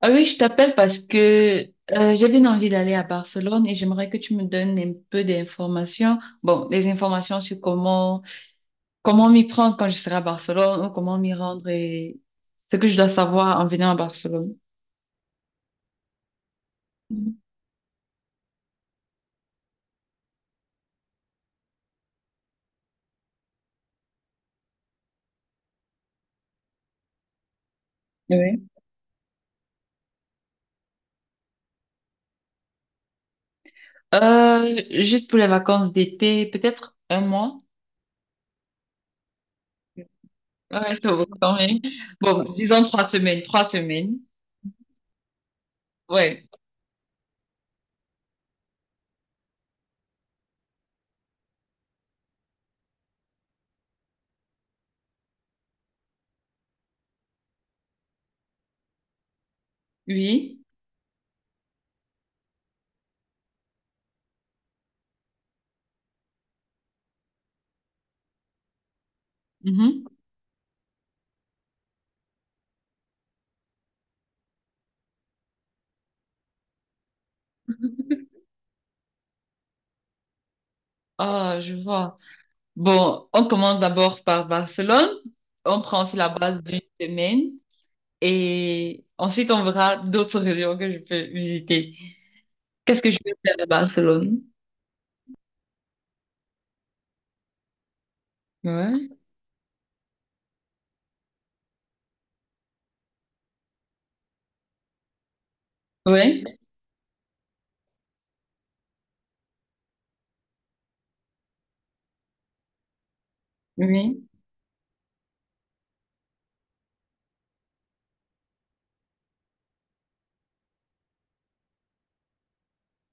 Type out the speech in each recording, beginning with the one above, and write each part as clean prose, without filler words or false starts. Ah oui, je t'appelle parce que j'avais une envie d'aller à Barcelone et j'aimerais que tu me donnes un peu d'informations. Bon, des informations sur comment m'y prendre quand je serai à Barcelone ou comment m'y rendre et ce que je dois savoir en venant à Barcelone. Mhm. Oui. Juste pour les vacances d'été, peut-être un mois. Ouais, ça vaut quand même. Bon, disons 3 semaines, 3 semaines. Ouais. Oui. Mhm. Ah, je vois. Bon, on commence d'abord par Barcelone. On prend sur la base d'une semaine et ensuite on verra d'autres régions que je peux visiter. Qu'est-ce que je peux faire à Barcelone? Ouais. Ouais. Oui.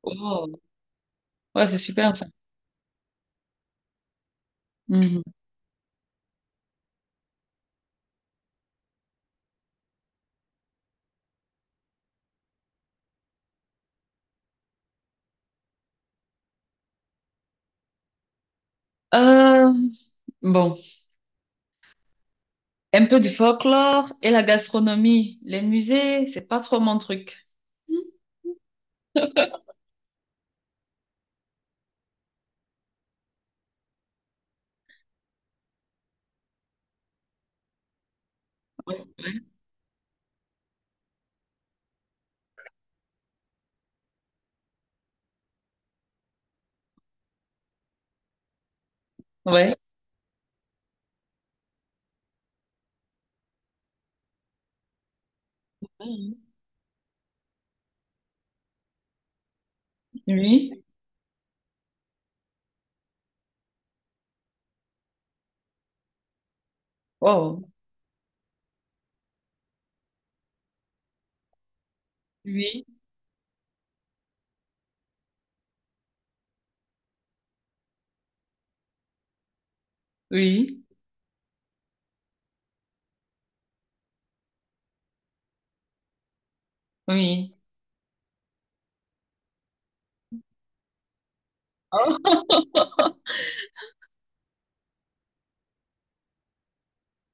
Oh, ouais, c'est super ça. Mhm. Euh, bon, un peu du folklore et la gastronomie. Les musées, c'est pas trop mon truc. Ouais. Oui. Oui. Oh. Oui. Oui. Oui. Oh.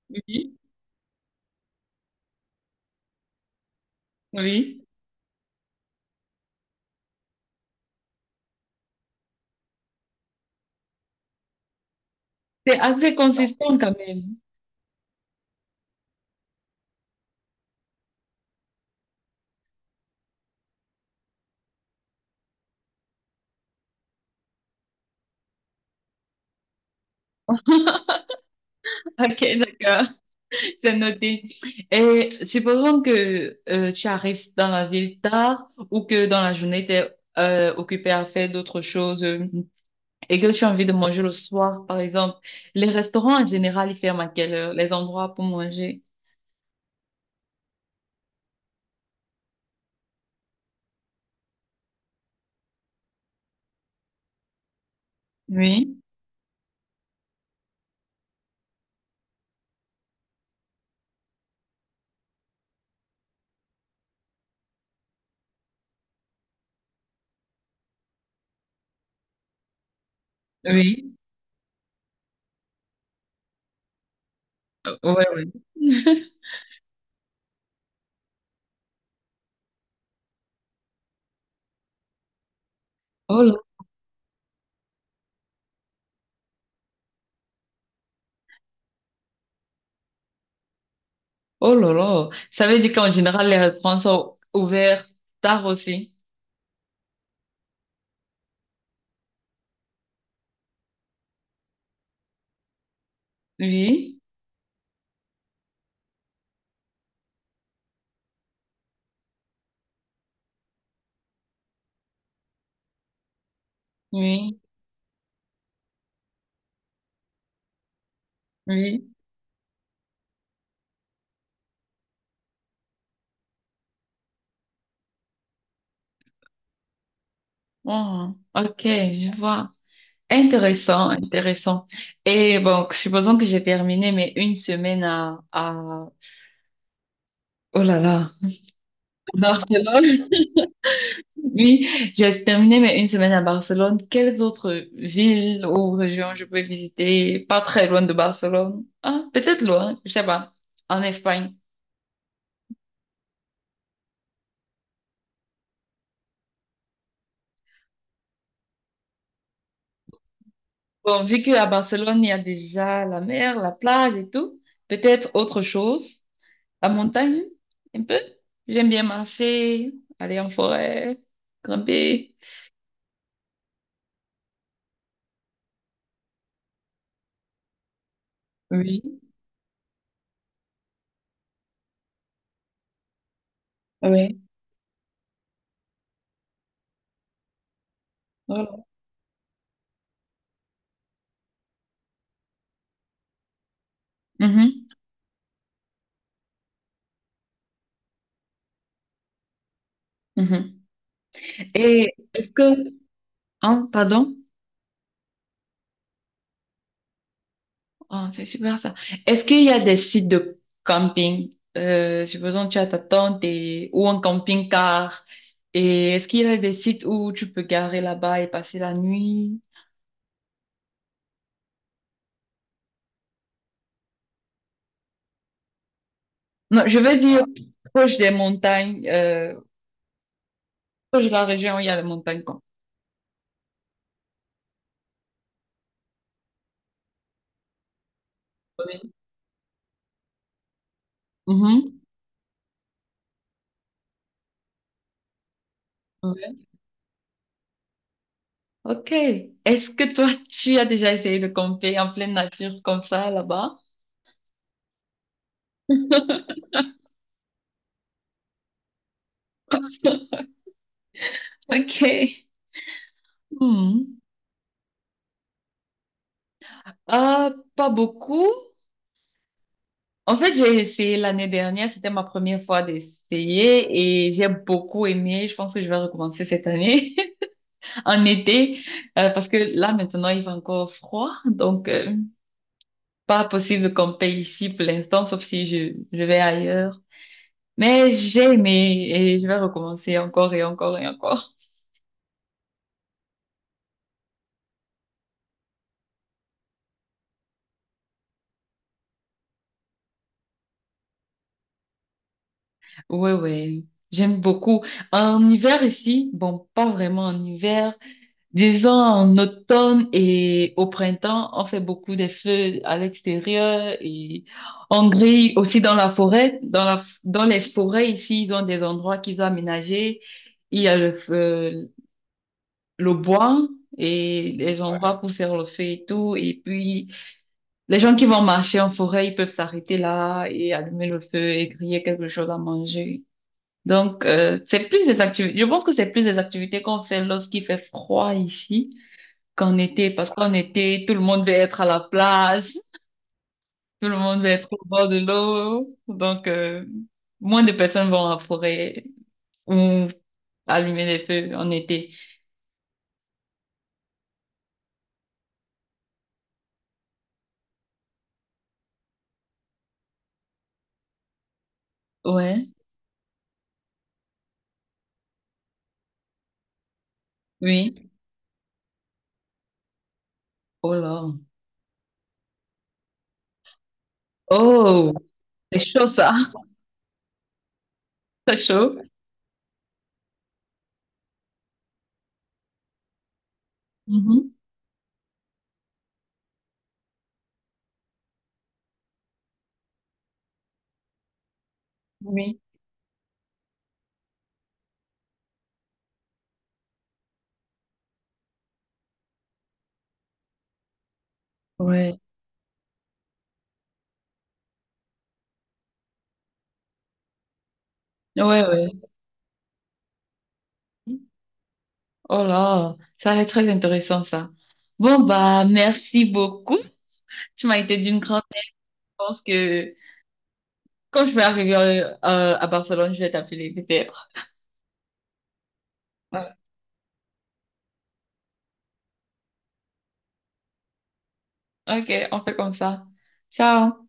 Oui. Oui. C'est assez consistant quand même. Ok, d'accord. C'est noté. Et supposons que tu arrives dans la ville tard ou que dans la journée, tu es occupé à faire d'autres choses et que tu as envie de manger le soir, par exemple. Les restaurants en général, ils ferment à quelle heure? Les endroits pour manger? Oui, oui. Ouais, ouais. Oh là, oh là là. Ça veut dire qu'en général, les restaurants sont ouverts tard aussi. Oui, oui, oui. Oh, ok, je vois. Intéressant, intéressant. Et bon, supposons que j'ai terminé mes une semaine à... Oh là là, à Barcelone. Oui, j'ai terminé mes une semaine à Barcelone. Quelles autres villes ou régions je peux visiter? Pas très loin de Barcelone. Ah, peut-être loin, je sais pas. En Espagne. Bon, vu qu'à Barcelone, il y a déjà la mer, la plage et tout, peut-être autre chose. La montagne, un peu. J'aime bien marcher, aller en forêt, grimper. Oui, oui, voilà. Mhm, mhm. Et est-ce que, hein, pardon, Oh, c'est super ça. Est-ce qu'il y a des sites de camping? Supposons que tu as ta tente et, ou un camping-car. Et est-ce qu'il y a des sites où tu peux garer là-bas et passer la nuit? Non, je veux dire proche des montagnes, proche de la région où il y a les montagnes, quoi. Oui. Mhm. Ok. Est-ce que toi, tu as déjà essayé de camper en pleine nature comme ça là-bas? Ok. Hmm. Ah, pas beaucoup. En fait, j'ai essayé l'année dernière. C'était ma première fois d'essayer et j'ai beaucoup aimé. Je pense que je vais recommencer cette année en été parce que là, maintenant, il fait encore froid. Donc, pas possible de camper ici pour l'instant, sauf si je vais ailleurs. Mais j'ai aimé et je vais recommencer encore et encore et encore. Ouais, ouais, j'aime beaucoup. En hiver ici, bon, pas vraiment en hiver, disons en automne et au printemps, on fait beaucoup des feux à l'extérieur et on grille aussi dans la forêt. Dans les forêts ici, ils ont des endroits qu'ils ont aménagés. Il y a le feu, le bois et les, ouais, endroits pour faire le feu et tout. Et puis, les gens qui vont marcher en forêt, ils peuvent s'arrêter là et allumer le feu et griller quelque chose à manger. Donc, c'est plus des activités, je pense que c'est plus des activités qu'on fait lorsqu'il fait froid ici qu'en été, parce qu'en été, tout le monde veut être à la plage, tout le monde veut être au bord de l'eau. Donc, moins de personnes vont à la forêt ou allumer des feux en été. Ouais, oui. Oh là. Oh, c'est chaud ça. C'est chaud. Mhm. Oui. Ouais. Ouais, ouais. Oh là, ça va être très intéressant ça. Bon, bah, merci beaucoup. Tu m'as été d'une grande. Je pense que quand je vais arriver à Barcelone, je vais t'appeler peut-être. Ouais. Ok, on fait comme ça. Ciao.